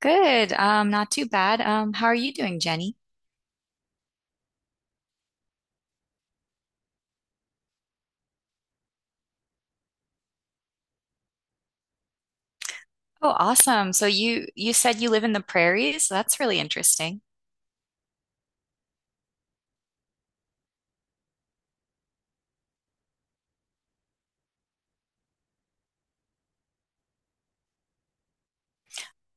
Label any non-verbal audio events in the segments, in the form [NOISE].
Good. Not too bad. How are you doing, Jenny? Oh, awesome. So you said you live in the prairies. That's really interesting.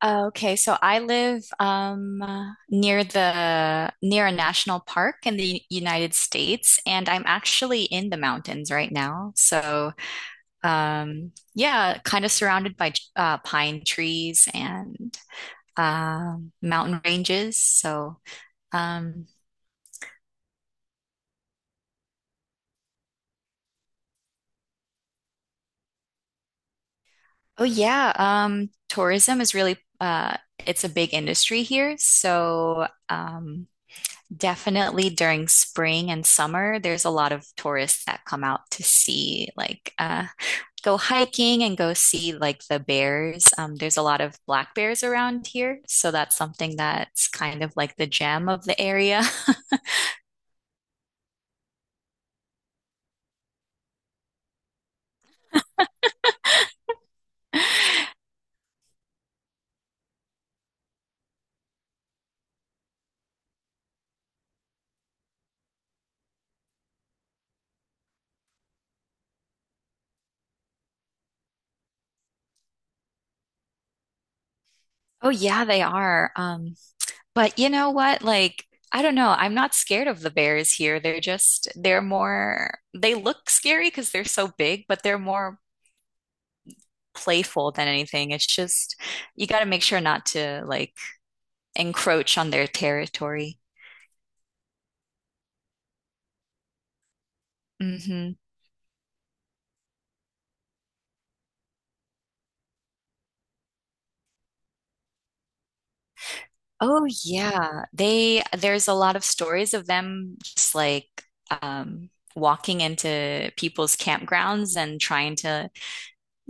Okay, so I live near the near a national park in the United States, and I'm actually in the mountains right now. So yeah, kind of surrounded by pine trees and mountain ranges. Um Oh yeah, tourism is really it's a big industry here. Definitely during spring and summer, there's a lot of tourists that come out to see like go hiking and go see like the bears. There's a lot of black bears around here, so that's something that's kind of like the gem of the area. [LAUGHS] Oh yeah, they are. But you know what? I don't know. I'm not scared of the bears here. They're just, they're more, they look scary because they're so big, but they're more playful than anything. It's just, you got to make sure not to like encroach on their territory. hmm Oh yeah. They, there's a lot of stories of them just like um walking into people's campgrounds and trying to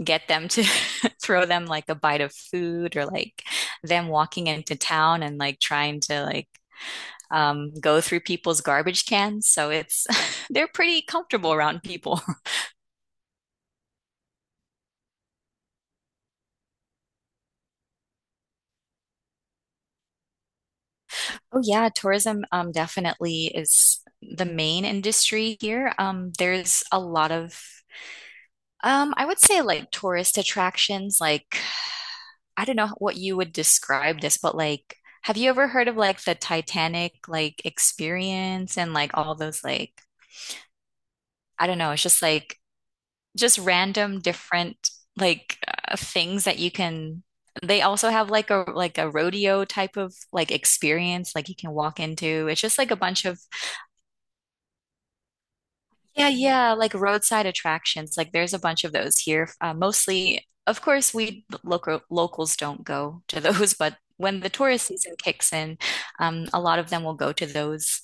get them to [LAUGHS] throw them like a bite of food, or like them walking into town and like trying to like go through people's garbage cans. So it's [LAUGHS] they're pretty comfortable around people. [LAUGHS] Oh yeah, tourism definitely is the main industry here. There's a lot of I would say like tourist attractions. Like I don't know what you would describe this, but like have you ever heard of like the Titanic like experience and like all those like I don't know, it's just like just random different like things that you can they also have like a rodeo type of like experience like you can walk into. It's just like a bunch of yeah, yeah, like roadside attractions. Like there's a bunch of those here. Mostly, of course, we locals don't go to [LAUGHS] those, but when the tourist season kicks in, a lot of them will go to those.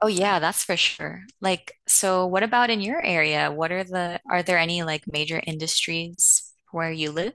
Oh yeah, that's for sure. Like, so what about in your area? What are the, are there any like major industries where you live?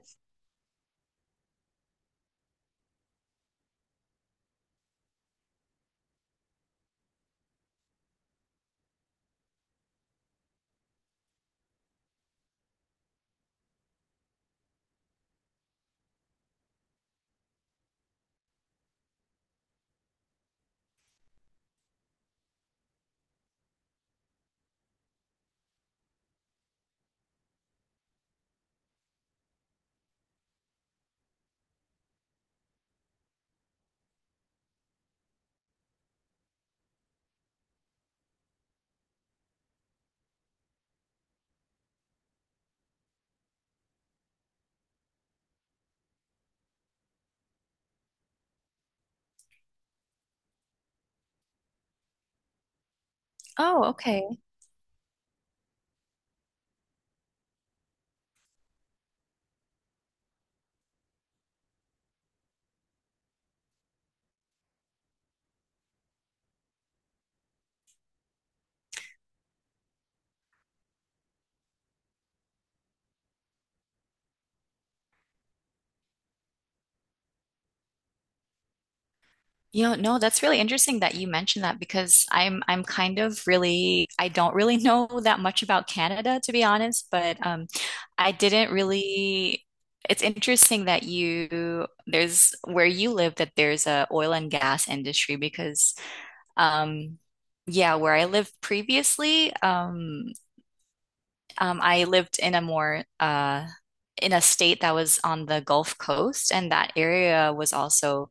Oh, okay. No, that's really interesting that you mentioned that because I'm kind of really I don't really [LAUGHS] know that much about Canada to be honest, but I didn't really it's interesting that you there's where you live that there's a oil and gas industry because um yeah, where I lived previously, I lived in a more in a state that was on the Gulf Coast, and that area was also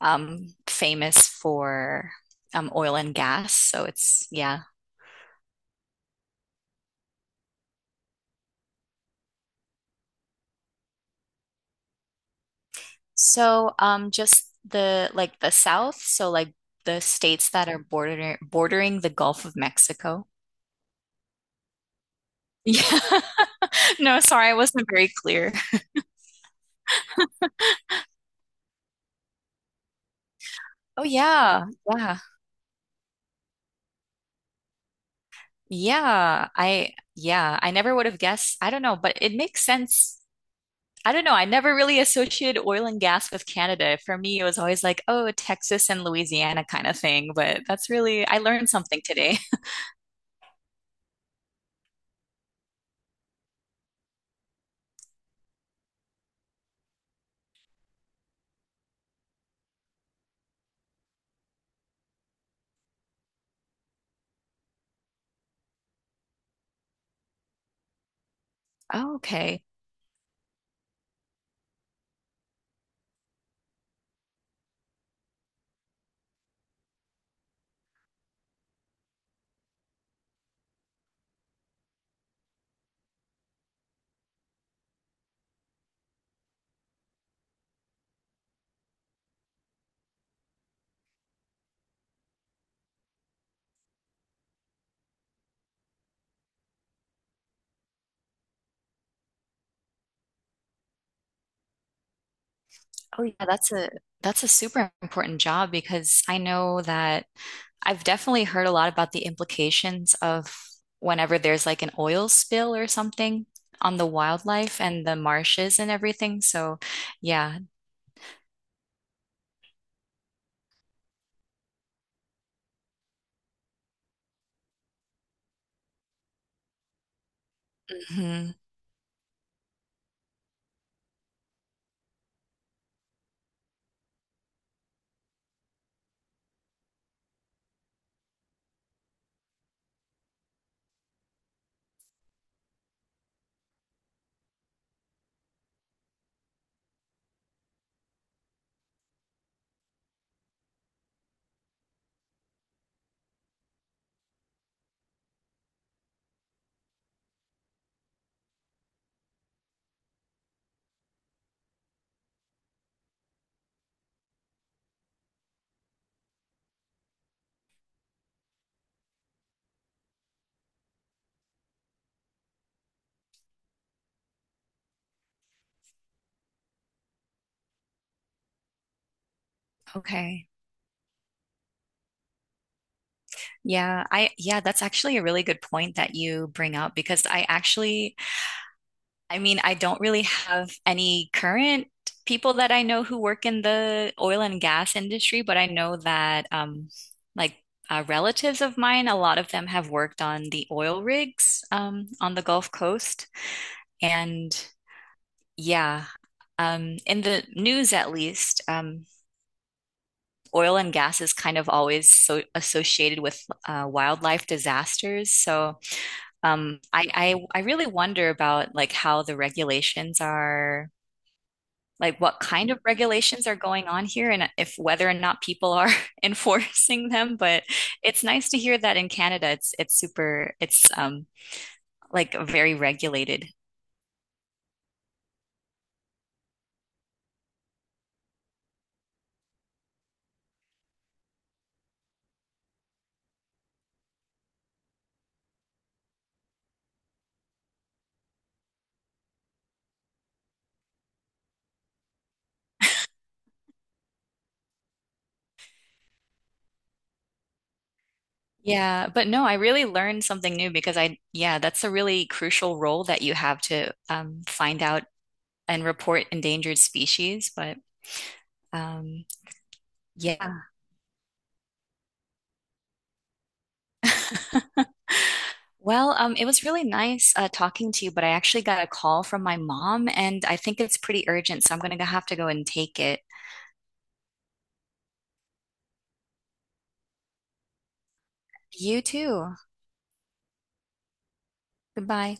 famous for oil and gas. So it's yeah. So just the like the South, so like the states that are bordering the Gulf of Mexico. [LAUGHS] Yeah. No, sorry, I wasn't very clear. Oh yeah, yeah, yeah. I Yeah, I never would have guessed. I don't know, but it makes sense. I don't know. I never really associated oil and gas with Canada. For me, it was always like, oh, Texas and Louisiana kind of thing. But that's really, I learned something today. [LAUGHS] Oh, okay. Oh, yeah, that's a super important job because I know that I've definitely heard a lot about the implications of whenever there's like an oil spill or something on the wildlife and the marshes and everything. So, yeah. hmm Okay. Yeah, that's actually a really good point that you bring up because I actually, I mean, I don't really have any current people that I know who work in the oil and gas industry, but I know that like relatives of mine, a lot of them have worked on the oil rigs on the Gulf Coast. And yeah, in the news at least, oil and gas is kind of always so associated with wildlife disasters. So I really wonder about like how the regulations are, like what kind of regulations are going on here, and if whether or not people are [LAUGHS] enforcing them. But it's nice to hear that in Canada, it's like very regulated. Yeah, but no, I really learned something new because yeah, that's a really crucial role that you have to find out and report endangered species. But um, yeah. Well, it was really nice talking to you, but I actually got a call from my mom, and I think it's pretty urgent, so I'm gonna have to go and take it. You too. Goodbye.